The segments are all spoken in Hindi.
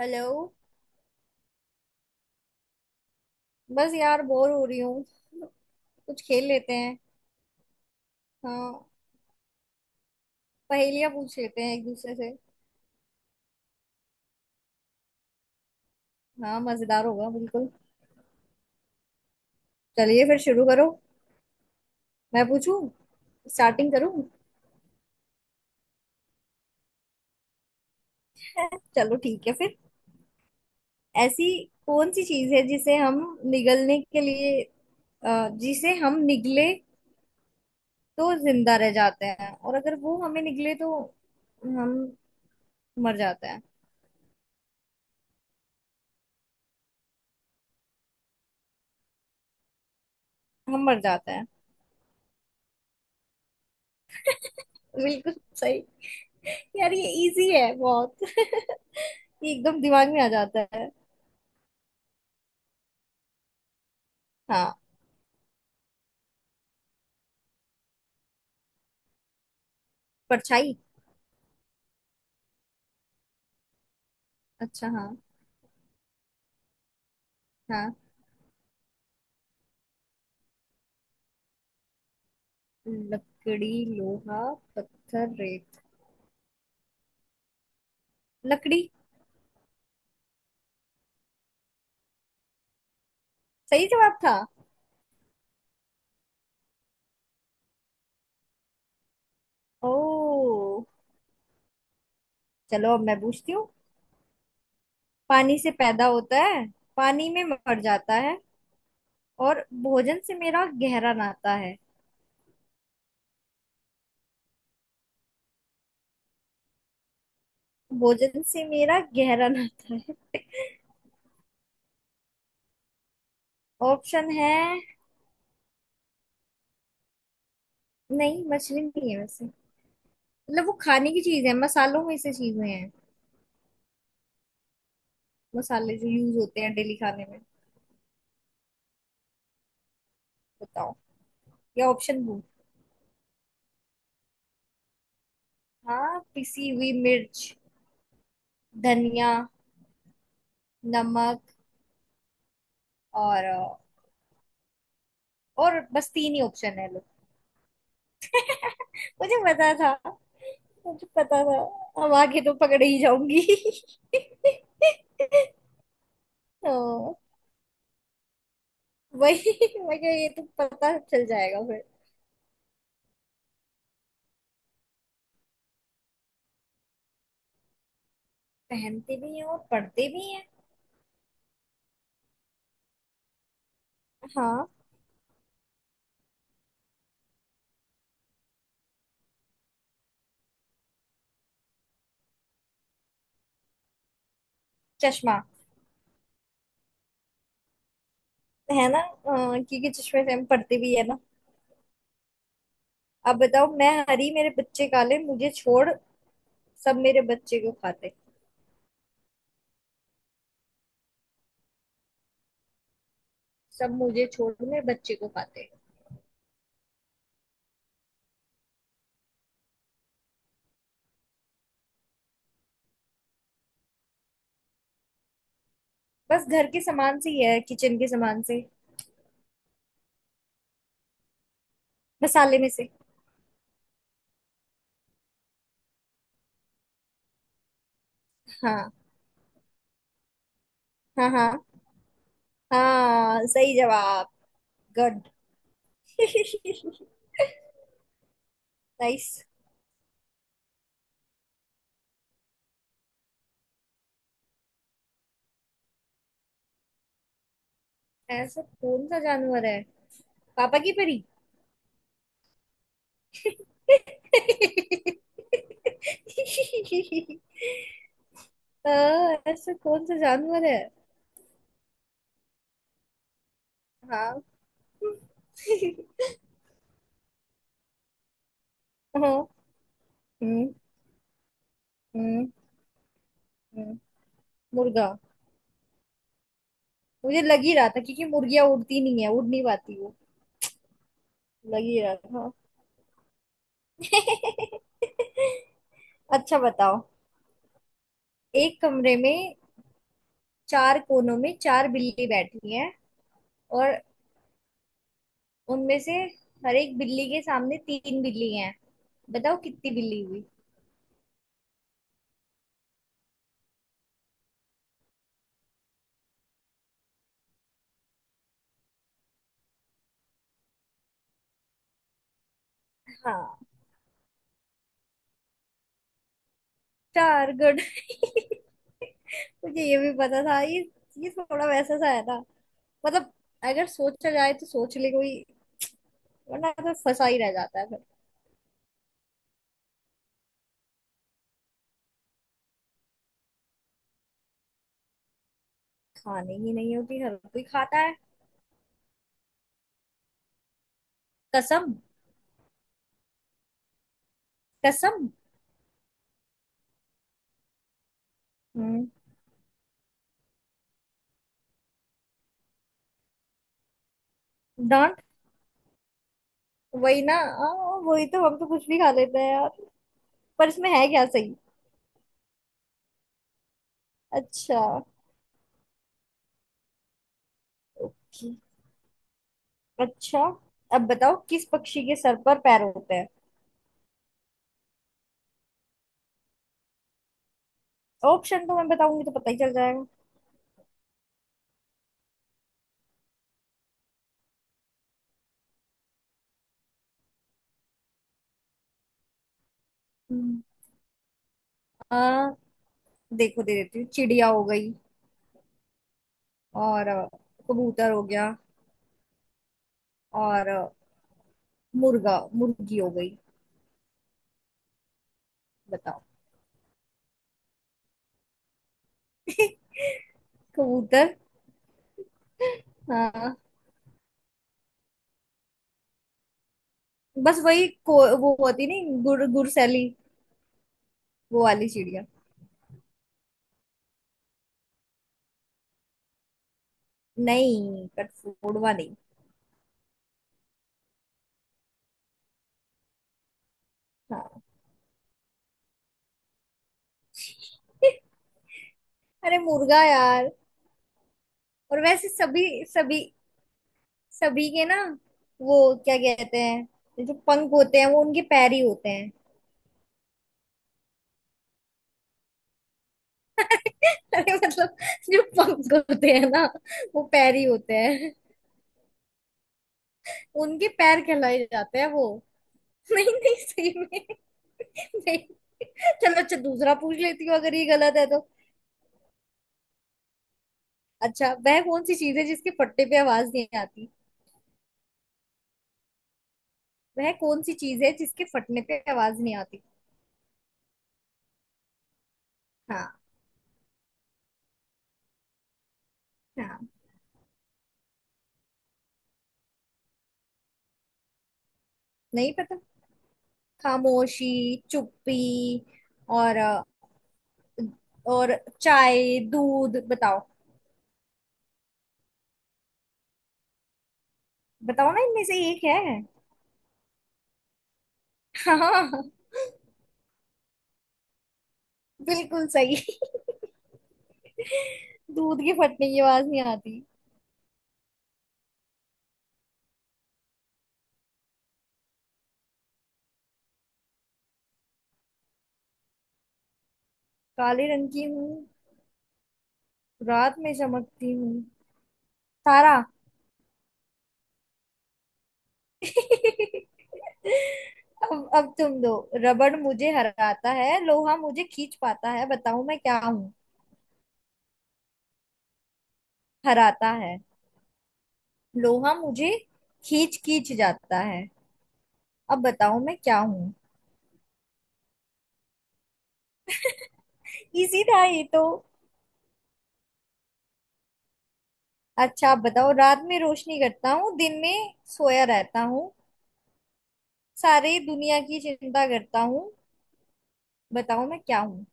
हेलो। बस यार बोर हो रही हूँ। कुछ खेल लेते हैं। हाँ, पहेलियाँ पूछ लेते हैं एक दूसरे से। हाँ मजेदार होगा बिल्कुल। चलिए फिर शुरू करो। मैं पूछूं, स्टार्टिंग करूं। चलो ठीक है फिर। ऐसी कौन सी चीज है जिसे हम निगलने के लिए जिसे हम निगले तो जिंदा रह जाते हैं, और अगर वो हमें निगले तो हम मर जाते हैं। हम मर जाते हैं। बिल्कुल सही। यार ये इजी है बहुत। ये एकदम दिमाग में आ जाता है। हाँ। परछाई। अच्छा हाँ। हाँ। लकड़ी, लोहा, पत्थर, रेत, लकड़ी। सही जवाब था। ओ, चलो अब मैं पूछती हूँ। पानी से पैदा होता है, पानी में मर जाता है, और भोजन से मेरा गहरा नाता है। भोजन से मेरा गहरा नाता है। ऑप्शन है। नहीं, मछली नहीं है वैसे। मतलब वो खाने की चीज है, मसालों में से चीजें हैं। मसाले जो यूज होते हैं डेली खाने में। बताओ। या ऑप्शन दो। हाँ, पिसी हुई मिर्च, धनिया, नमक, और। और बस तीन ही ऑप्शन है लोग। मुझे पता था, मुझे पता था। अब आगे तो पकड़ ही जाऊंगी। तो वही, मुझे ये तो पता चल जाएगा फिर। पहनते भी हैं और पढ़ते भी हैं। हाँ। चश्मा। है ना, क्योंकि चश्मे से हम पढ़ते भी है ना। अब बताओ, मैं हरी मेरे बच्चे काले, मुझे छोड़ सब मेरे बच्चे को खाते। सब मुझे छोड़ मेरे बच्चे को खाते। बस घर के सामान से ही है, किचन के सामान से। मसाले में से। हाँ हाँ। हाँ, हाँ सही जवाब। गुड। नाइस। ऐसा कौन सा जानवर है? पापा की परी। हाँ, ऐसा कौन सा जानवर है? हाँ। हाँ। हम्म। हम्म। हम्म, मुर्गा। मुझे लग ही रहा था क्योंकि मुर्गियां उड़ती नहीं है, उड़ नहीं पाती वो। लग ही रहा था। अच्छा बताओ, एक कमरे में चार कोनों में चार बिल्ली बैठी हैं, और उनमें से हर एक बिल्ली के सामने तीन बिल्ली हैं। बताओ कितनी बिल्ली हुई। हाँ। चार। गुड। मुझे ये भी पता था। ये थोड़ा वैसा सा है ना। मतलब, अगर सोचा जाए तो सोच ले कोई, वरना तो फंसा ही रह जाता है फिर। खाने ही नहीं होती, हर कोई खाता है। कसम। कसम। हम्म। डॉट। वही ना, वही तो। हम तो कुछ भी खा लेते हैं यार। पर इसमें है क्या सही? अच्छा। ओके। अच्छा, अब बताओ किस पक्षी के सर पर पैर होते हैं? ऑप्शन तो मैं बताऊंगी तो पता ही चल जाएगा। हम्म, आ, देखो दे देती हूँ। चिड़िया हो गई, और कबूतर हो गया, और मुर्गा मुर्गी हो गई। बताओ। कबूतर। हाँ। बस वो होती नहीं, गुड़ गुड़सैली। वो वाली चिड़िया। नहीं, कठफोड़वा नहीं। हाँ। अरे मुर्गा यार। और वैसे सभी सभी सभी के ना, वो क्या कहते हैं, जो पंख होते हैं वो उनके पैर ही होते हैं। अरे मतलब, जो पंख होते हैं ना, वो पैर ही होते हैं। उनके पैर कहलाए जाते हैं वो। नहीं नहीं, सही में। नहीं। चलो अच्छा, दूसरा पूछ लेती हूँ अगर ये गलत है तो। अच्छा, वह कौन सी चीज है जिसके फटने पे आवाज नहीं आती? वह कौन सी चीज है जिसके फटने पे आवाज नहीं आती? हाँ। हाँ। नहीं पता। खामोशी, चुप्पी। और अ, और चाय, दूध, बताओ। बताओ ना, इनमें से एक है। हाँ। बिल्कुल सही। दूध के फटने की आवाज नहीं आती। काले रंग की हूँ, रात में चमकती हूँ। तारा। अब तुम दो। रबड़ मुझे हराता है, लोहा मुझे खींच पाता है, बताओ मैं क्या हूँ। हराता है। लोहा मुझे खींच खींच जाता है। अब बताओ मैं क्या हूँ। इजी था ये तो। अच्छा, आप बताओ। रात में रोशनी करता हूँ, दिन में सोया रहता हूँ, सारी दुनिया की चिंता करता हूँ। बताओ मैं क्या हूँ।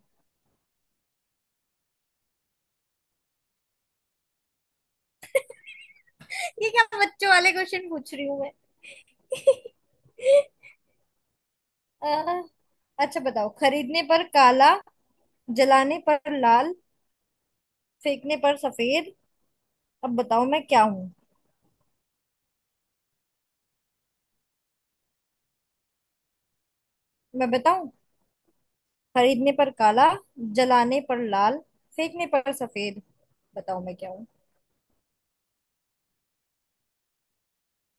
ये क्या बच्चों वाले क्वेश्चन पूछ रही हूँ मैं। अह, अच्छा बताओ। खरीदने पर काला, जलाने पर लाल, फेंकने पर सफेद। अब बताओ मैं क्या हूँ। मैं बताऊं? खरीदने पर काला, जलाने पर लाल, फेंकने पर सफेद। बताओ मैं क्या हूँ।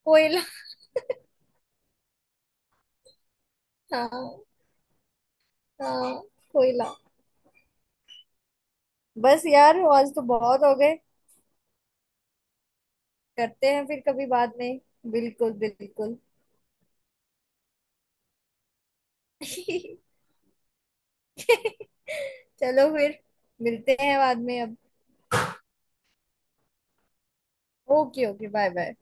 कोयला। हाँ, हाँ, कोयला। बस यार, आज तो बहुत हो गए। करते हैं फिर कभी बाद में। बिल्कुल बिल्कुल। चलो फिर, मिलते हैं बाद में अब। ओके। Okay, bye bye.